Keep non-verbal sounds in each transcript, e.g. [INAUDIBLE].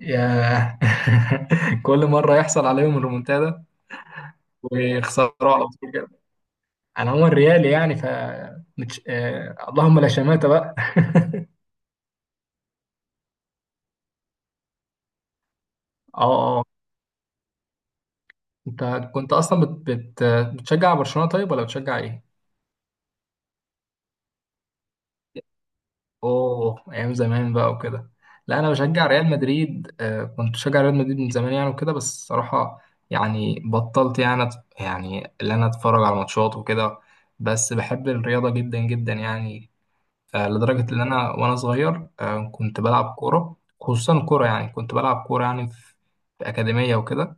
ياه. [LAUGHS] كل مرة يحصل عليهم الريمونتادا، ويخسروا على طول كده. انا عموما ريالي، يعني اللهم لا شماتة بقى. [LAUGHS] اه، اه. انت كنت اصلا بتشجع برشلونة، طيب ولا بتشجع ايه؟ اوه، ايام زمان بقى وكده. لا، انا بشجع ريال مدريد. كنت بشجع ريال مدريد من زمان يعني وكده، بس الصراحة يعني بطلت، يعني يعني اللي انا اتفرج على ماتشات وكده. بس بحب الرياضة جدا جدا يعني. لدرجة إن أنا وأنا صغير، كنت بلعب كورة، خصوصا كورة، يعني كنت بلعب كورة يعني في أكاديمية وكده.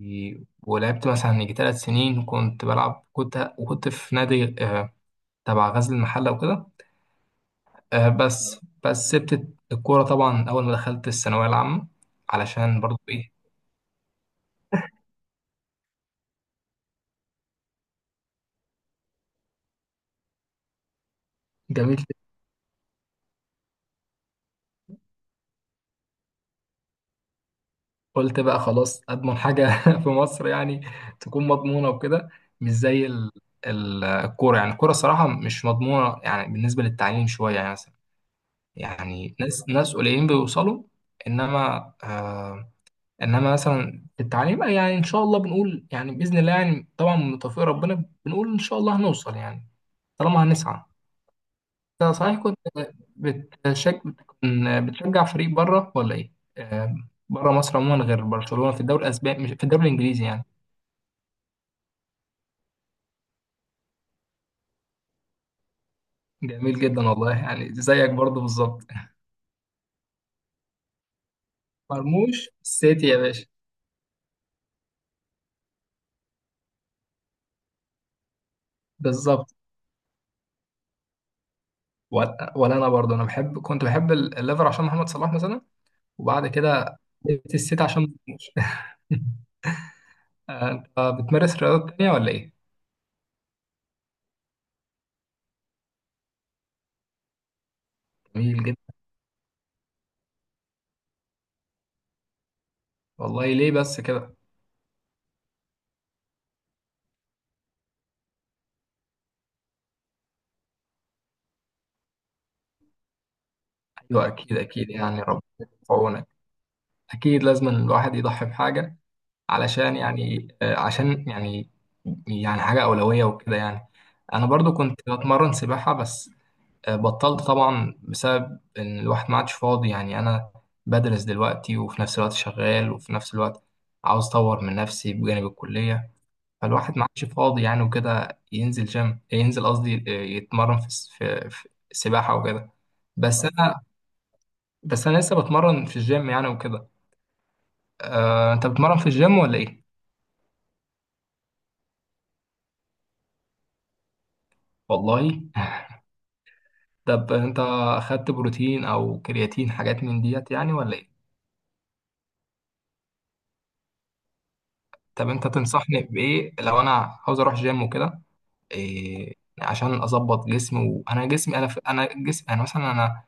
ولعبت مثلا يجي 3 سنين، كنت بلعب، كنت وكنت في نادي، تبع غزل المحلة وكده. بس سبت الكورة طبعا أول ما دخلت الثانوية العامة، علشان برضو إيه، جميل. قلت بقى خلاص، أضمن حاجة [LAUGHS] في مصر يعني تكون مضمونة وكده. مش زي الكورة، يعني الكورة صراحة مش مضمونة يعني، بالنسبة للتعليم شوية يعني. يعني ناس قليلين بيوصلوا. انما انما مثلا في التعليم، يعني ان شاء الله بنقول، يعني باذن الله، يعني طبعا من توفيق ربنا بنقول ان شاء الله هنوصل يعني، طالما هنسعى. انت صحيح كنت بتشجع فريق بره ولا ايه؟ آه، بره مصر عموما غير برشلونه في الدوري الاسباني، مش في الدوري الانجليزي يعني. جميل جدا والله، يعني زيك برضه بالظبط. مرموش السيتي يا باشا. بالظبط. ولا انا برضه، انا بحب كنت بحب الليفر عشان محمد صلاح مثلا. وبعد كده لبست الست عشان ما تموتش. [LAUGHS] انت بتمارس رياضات تانية ولا ايه؟ جميل جدا. والله ليه بس كده؟ ايوه، اكيد اكيد يعني، ربنا يكون في عونك. اكيد لازم الواحد يضحي بحاجة علشان يعني، عشان يعني، يعني حاجة أولوية وكده يعني. أنا برضو كنت بتمرن سباحة بس. بطلت طبعا بسبب إن الواحد ما عادش فاضي يعني. أنا بدرس دلوقتي، وفي نفس الوقت شغال، وفي نفس الوقت عاوز أطور من نفسي بجانب الكلية. فالواحد ما عادش فاضي يعني وكده ينزل جيم، ينزل قصدي يتمرن في في السباحة وكده. بس أنا بس أنا لسه بتمرن في الجيم يعني وكده. أنت بتمرن في الجيم ولا إيه؟ والله. [LAUGHS] طب أنت أخدت بروتين أو كرياتين، حاجات من ديت يعني، ولا إيه؟ طب أنت تنصحني بإيه لو أنا عاوز أروح جيم وكده، إيه، عشان أظبط جسمي. وأنا جسمي، أنا في أنا جسمي أنا مثلا أنا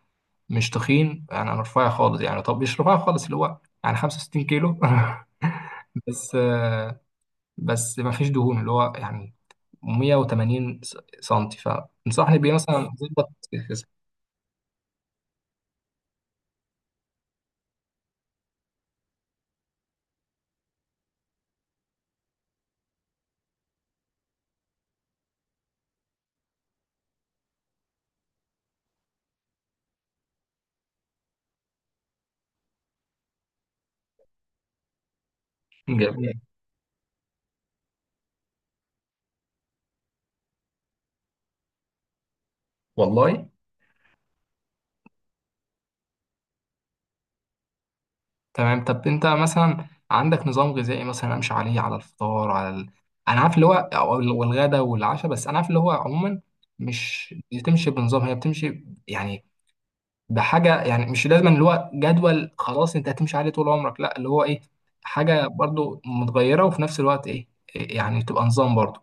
مش تخين يعني، انا رفيع خالص يعني. طب مش رفيع خالص، اللي هو يعني 65 كيلو [LAUGHS] بس. بس ما فيش دهون، اللي هو يعني 180 سنتي. فتنصحني بيه مثلا ظبط الجسم؟ جميل والله. تمام. طب انت مثلا عندك نظام غذائي مثلا امشي عليه على الفطار، على انا عارف اللي هو، أو والغدا والعشاء؟ بس انا عارف اللي هو عموما مش بتمشي بنظام، هي بتمشي يعني. ده حاجه يعني، مش لازم اللي هو جدول خلاص انت هتمشي عليه طول عمرك، لا، اللي هو ايه، حاجه برضو متغيره، وفي نفس الوقت ايه، إيه يعني، تبقى نظام برضو.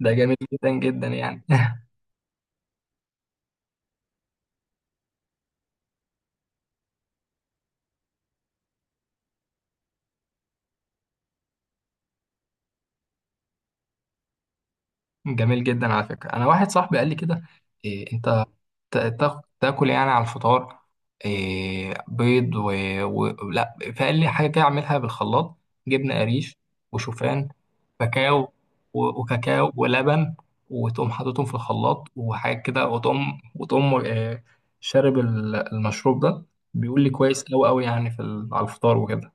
ده جميل جدا جدا يعني. [LAUGHS] جميل جدا على فكره. انا واحد صاحبي قال لي كده، إيه تاكل يعني على الفطار، إيه، بيض لا، فقال حاجه كده اعملها بالخلاط، جبنه قريش، وشوفان، كاكاو، و... وكاكاو ولبن. وتقوم حاططهم في الخلاط وحاجه كده، وتقوم شارب المشروب ده. بيقول لي كويس قوي قوي يعني في على الفطار وكده.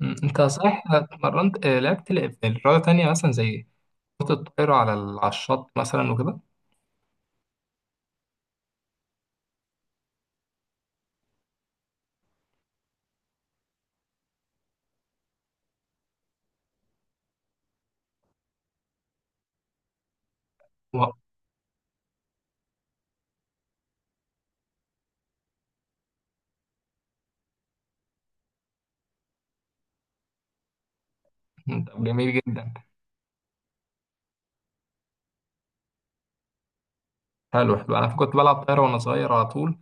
انت صحيح اتمرنت، لعبت رياضه تانية مثلا، زي كرة الطائرة على على الشط مثلا وكده؟ و- طب جميل جدا. حلو حلو، انا كنت بلعب طايره وانا صغير على طول.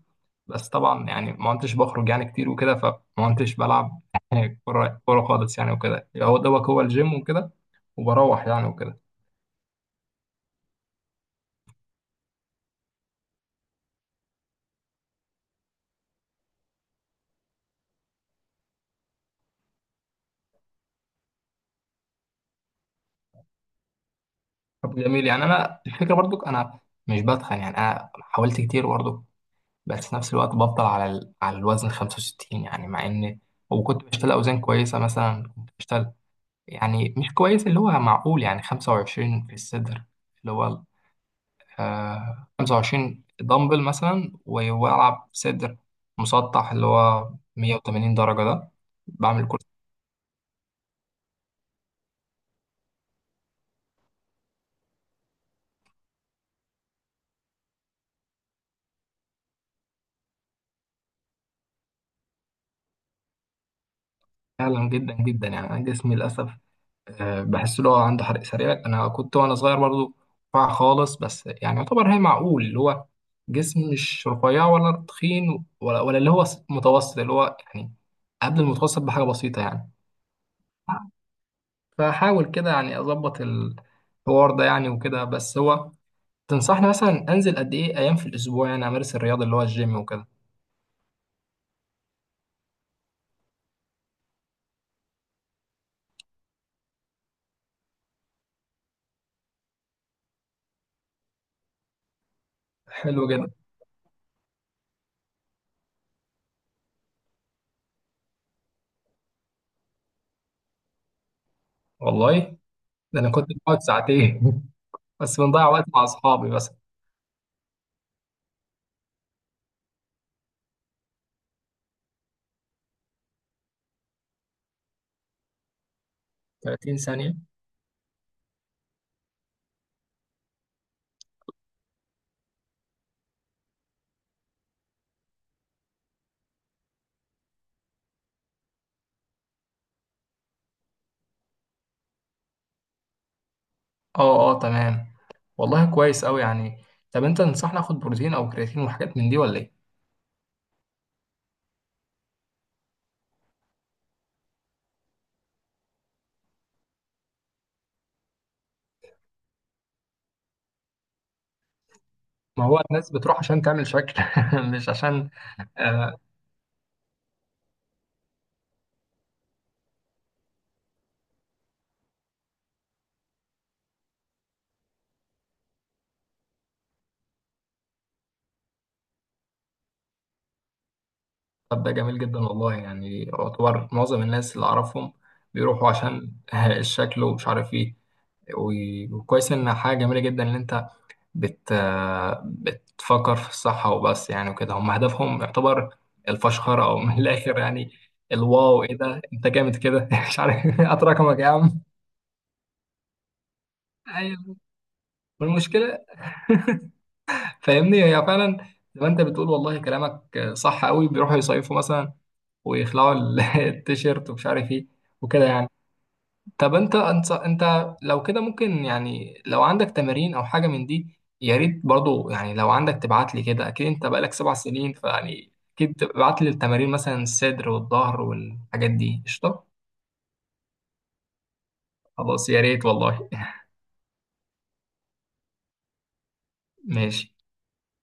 بس طبعا يعني ما كنتش بخرج يعني كتير وكده، فما كنتش بلعب يعني كوره، كوره خالص يعني وكده، هو دوبك هو الجيم وكده، وبروح يعني وكده. طب جميل يعني. انا الفكره برضو انا مش بتخن يعني، انا حاولت كتير برضو، بس في نفس الوقت بفضل على على الوزن 65 يعني، مع ان وكنت بشتغل اوزان كويسه، مثلا كنت بشتغل يعني مش كويس اللي هو، معقول يعني 25 في الصدر، اللي هو آه 25 دمبل مثلا، والعب صدر مسطح، اللي هو 180 درجة ده. بعمل كورس فعلا جدا جدا يعني. انا جسمي للاسف آه، بحس اللي هو عنده حرق سريع. انا كنت وانا صغير برضو رفيع خالص، بس يعني يعتبر، هي معقول اللي هو جسم مش رفيع ولا تخين، ولا اللي هو متوسط، اللي هو يعني قبل المتوسط بحاجة بسيطة يعني. فحاول كده يعني اظبط الحوار ده يعني وكده. بس هو تنصحني مثلا انزل قد ايه ايام في الاسبوع يعني امارس الرياضه اللي هو الجيم وكده؟ حلو جدا والله. ده انا كنت بقعد ساعتين [LAUGHS] بس، بنضيع وقت مع اصحابي بس. 30 ثانيه. اه، اه، تمام. والله كويس قوي يعني. طب انت تنصحني اخد بروتين او كرياتين وحاجات من دي ولا ايه؟ ما هو الناس بتروح عشان تعمل شكل. [LAUGHS] مش عشان آه. طب ده جميل جدا والله، يعني يعتبر معظم الناس اللي اعرفهم بيروحوا عشان [LAUGHS] الشكل، ومش عارف ايه. وكويس ان حاجه جميله جدا ان انت بت بتفكر في الصحة وبس يعني وكده. هم هدفهم يعتبر الفشخرة أو من الآخر يعني. الواو، إيه ده، أنت جامد كده. [LAUGHS] مش عارف، هات رقمك يا عم. أيوه. والمشكلة فاهمني هي فعلا، زي ما أنت بتقول، والله كلامك صح قوي، بيروحوا يصيفوا مثلا، ويخلعوا [LAUGHS] التيشيرت، ومش عارف إيه وكده يعني. طب انت، لو كده ممكن يعني، لو عندك تمارين او حاجه من دي يا ريت برضو يعني. لو عندك تبعت لي كده، اكيد انت بقالك 7 سنين، فيعني اكيد تبعت لي التمارين مثلا الصدر والظهر والحاجات دي، قشطه. خلاص يا ريت والله. [LAUGHS] ماشي.